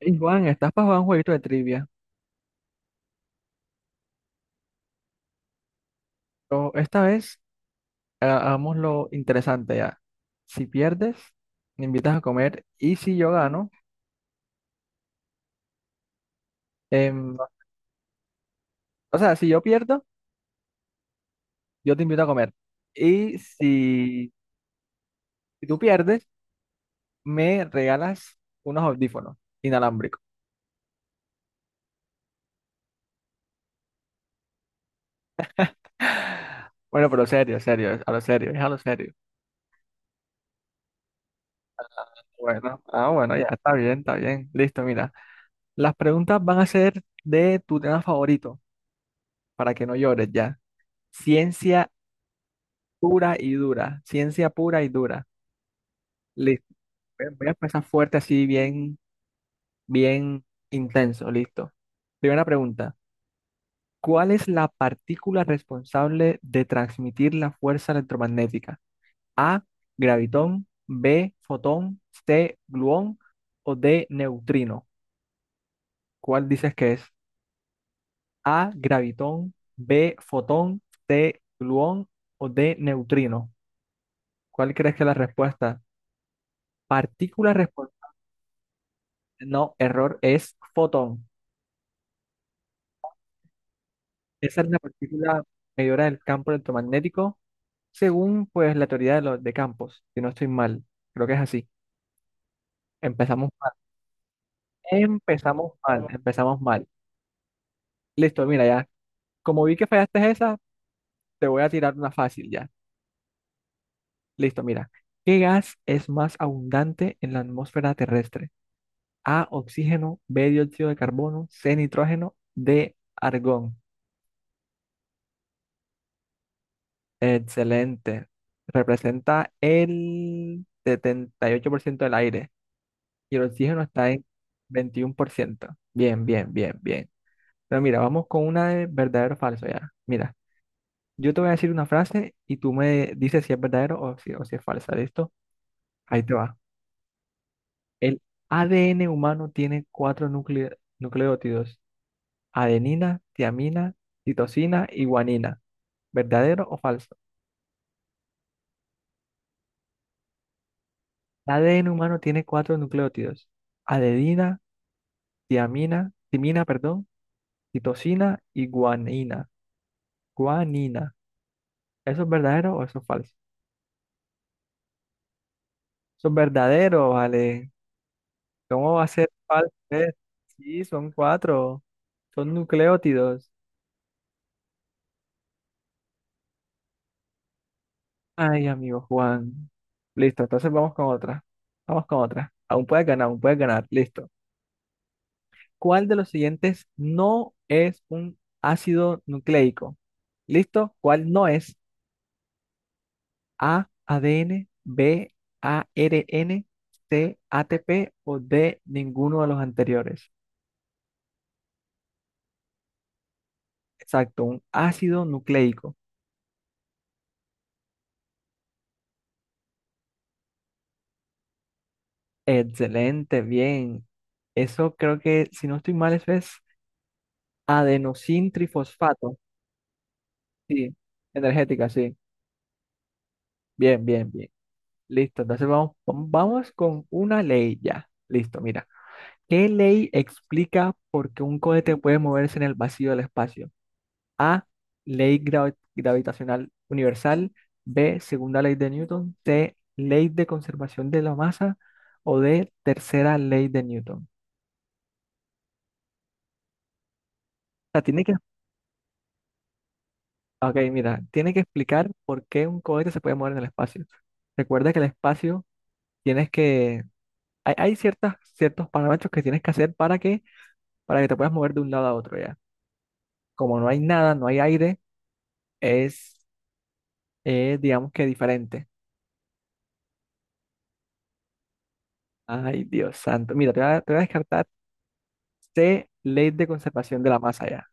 Y Juan, ¿estás para jugar un jueguito de trivia? Pero esta vez hagamos lo interesante ya. Si pierdes, me invitas a comer. Y si yo gano, em, o sea, si yo pierdo, yo te invito a comer. Y si, si tú pierdes, me regalas unos audífonos inalámbricos. Bueno, pero serio, serio, es a lo serio, es a lo serio. Bueno, ah, bueno, ya está bien, está bien. Listo, mira. Las preguntas van a ser de tu tema favorito, para que no llores ya. Ciencia pura y dura, ciencia pura y dura. Listo. Voy a empezar fuerte, así bien, bien intenso. Listo. Primera pregunta. ¿Cuál es la partícula responsable de transmitir la fuerza electromagnética? A, gravitón, B, fotón, C, gluón o D, neutrino. ¿Cuál dices que es? A, gravitón, B, fotón, C, gluón o D, neutrino. ¿Cuál crees que es la respuesta? Partícula responsable. No, error, es fotón. Esa es la partícula medidora del campo electromagnético, según pues la teoría de los de campos, si no estoy mal. Creo que es así. Empezamos mal, empezamos mal, empezamos mal. Listo, mira ya. Como vi que fallaste esa, te voy a tirar una fácil ya. Listo, mira. ¿Qué gas es más abundante en la atmósfera terrestre? A, oxígeno, B, dióxido de carbono, C, nitrógeno, D, argón. Excelente. Representa el 78% del aire y el oxígeno está en 21%. Bien, bien, bien, bien. Pero mira, vamos con una de verdadero o falso ya. Mira, yo te voy a decir una frase y tú me dices si es verdadero o si es falsa. ¿Listo? Ahí te va. El ADN humano tiene cuatro nucleótidos. Adenina, tiamina, citosina y guanina. ¿Verdadero o falso? El ADN humano tiene cuatro nucleótidos. Adenina, tiamina, timina, perdón, citosina y guanina. Guanina. ¿Eso es verdadero o eso es falso? Eso es verdadero, vale. ¿Cómo va a ser falso, eh? Sí, son cuatro. Son nucleótidos. Ay, amigo Juan. Listo, entonces vamos con otra. Vamos con otra. Aún puedes ganar, aún puedes ganar. Listo. ¿Cuál de los siguientes no es un ácido nucleico? ¿Listo? ¿Cuál no es? A, ADN, B, ARN, C, ATP o D, ninguno de los anteriores. Exacto, un ácido nucleico. Excelente, bien. Eso creo que, si no estoy mal, eso es adenosin trifosfato. Sí, energética, sí. Bien, bien, bien. Listo, entonces vamos, vamos con una ley ya. Listo, mira. ¿Qué ley explica por qué un cohete puede moverse en el vacío del espacio? A, ley gravitacional universal, B, segunda ley de Newton, C, ley de conservación de la masa o D, tercera ley de Newton. O sea, tiene que, ok, mira, tiene que explicar por qué un cohete se puede mover en el espacio. Recuerda que el espacio tienes que, hay ciertas, ciertos parámetros que tienes que hacer para que te puedas mover de un lado a otro ya. Como no hay nada, no hay aire, es, es, digamos que diferente. Ay, Dios santo. Mira, te voy a descartar. C, ley de conservación de la masa ya.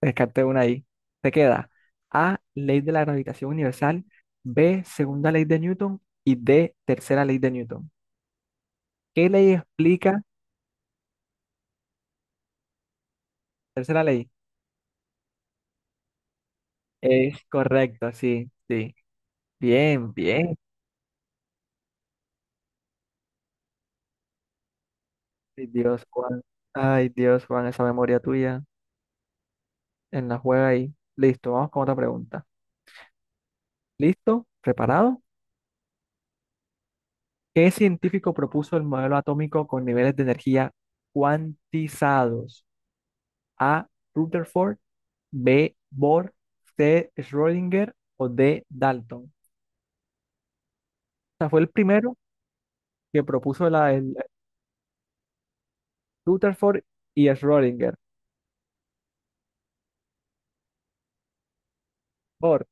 Descarté una ahí. Te queda A, ley de la gravitación universal, B, segunda ley de Newton y D, tercera ley de Newton. ¿Qué ley explica? Tercera ley. Es correcto, sí, sí. Bien, bien. Ay, Dios, Juan. Ay, Dios, Juan, esa memoria tuya en la juega ahí. Listo, vamos con otra pregunta. ¿Listo? ¿Preparado? ¿Qué científico propuso el modelo atómico con niveles de energía cuantizados? A. Rutherford, B. Bohr, C. Schrödinger o D. Dalton. O sea, fue el primero que propuso el Rutherford y Schrödinger. Bohr,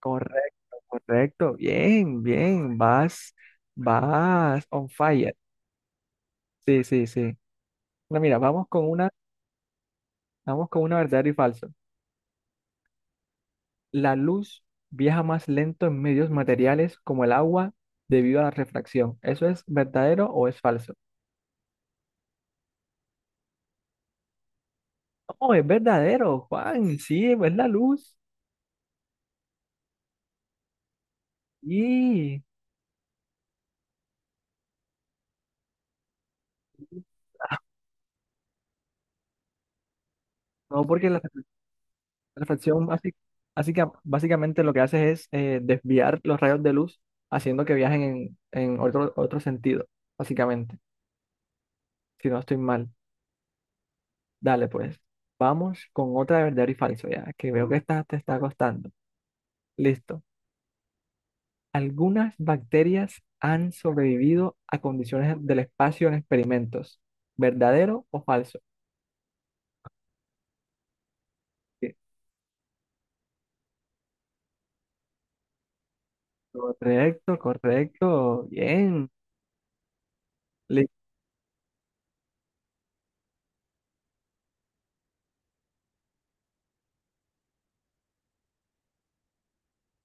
correcto, correcto, bien, bien, vas, vas on fire. Sí, sí, sí. Bueno, mira, vamos con una verdadero y falso. La luz viaja más lento en medios materiales como el agua debido a la refracción. ¿Eso es verdadero o es falso? No, es verdadero, Juan, sí, es la luz. Y no, porque la reflexión básicamente lo que hace es desviar los rayos de luz haciendo que viajen en otro, otro sentido, básicamente, si no estoy mal. Dale, pues, vamos con otra de verdadero y falso, ya, que veo que esta te está costando. Listo. Algunas bacterias han sobrevivido a condiciones del espacio en experimentos. ¿Verdadero o falso? Sí. Correcto, correcto. Bien. Li-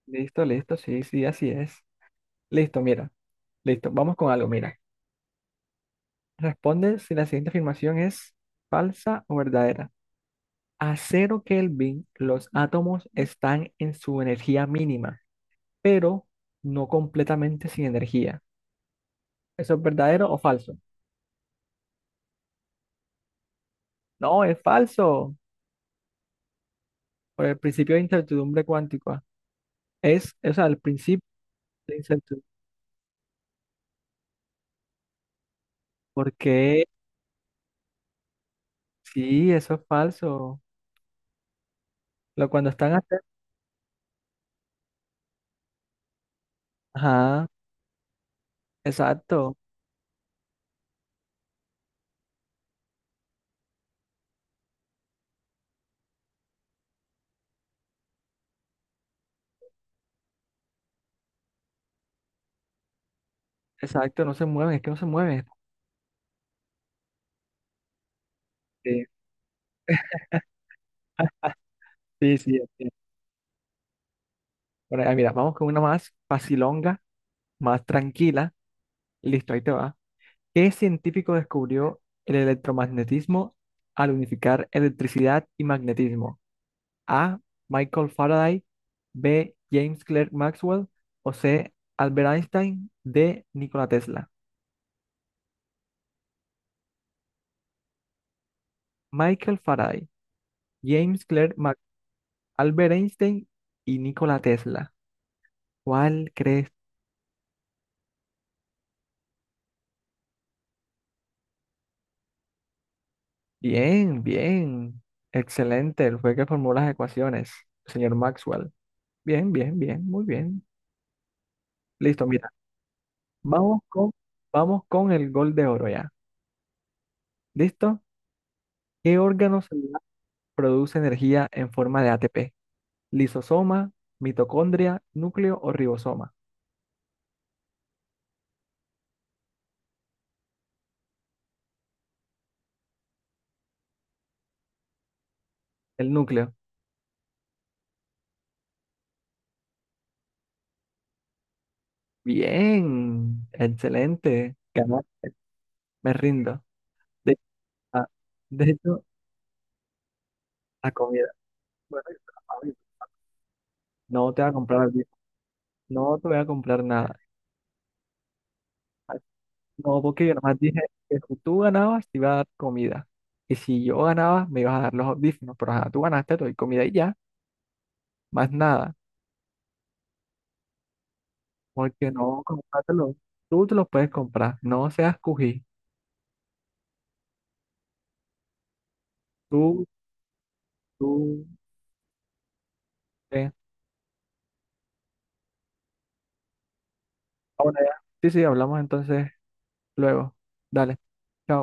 Listo, listo. Sí, sí, así es. Listo, mira. Listo. Vamos con algo, mira. Responde si la siguiente afirmación es falsa o verdadera. A cero Kelvin, los átomos están en su energía mínima, pero no completamente sin energía. ¿Eso es verdadero o falso? No, es falso. Por el principio de incertidumbre cuántica. Es, o sea, el principio de incertidumbre. ¿Por qué? Sí, eso es falso. Lo, cuando están a ajá, exacto, exacto, no se mueven, es que no se mueven. Sí, sí, sí. Sí. Bueno, ah, mira, vamos con una más facilonga, más tranquila. Listo, ahí te va. ¿Qué científico descubrió el electromagnetismo al unificar electricidad y magnetismo? A. Michael Faraday, B. James Clerk Maxwell o C. Albert Einstein, D. Nikola Tesla. Michael Faraday, James Clerk Maxwell, Albert Einstein y Nikola Tesla. ¿Cuál crees? Bien, bien. Excelente. Él fue que formó las ecuaciones, señor Maxwell. Bien, bien, bien, muy bien. Listo, mira. Vamos con, vamos con el gol de oro ya. ¿Listo? ¿Qué órgano celular produce energía en forma de ATP? ¿Lisosoma, mitocondria, núcleo o ribosoma? El núcleo. Bien, excelente. Ganaste. Me rindo. De, ah, de hecho, la comida. Bueno, no te voy a comprar, no te voy a comprar nada. No, porque yo nomás dije que si tú ganabas te iba a dar comida. Y si yo ganaba, me ibas a dar los audífonos. Pero ajá, tú ganaste, te doy comida y ya, más nada. Porque no, comprártelo. Tú te los puedes comprar. No seas cují. Tú, tú, eh. Ah, bueno, ya. Sí, sí, hablamos entonces luego. Dale, chao.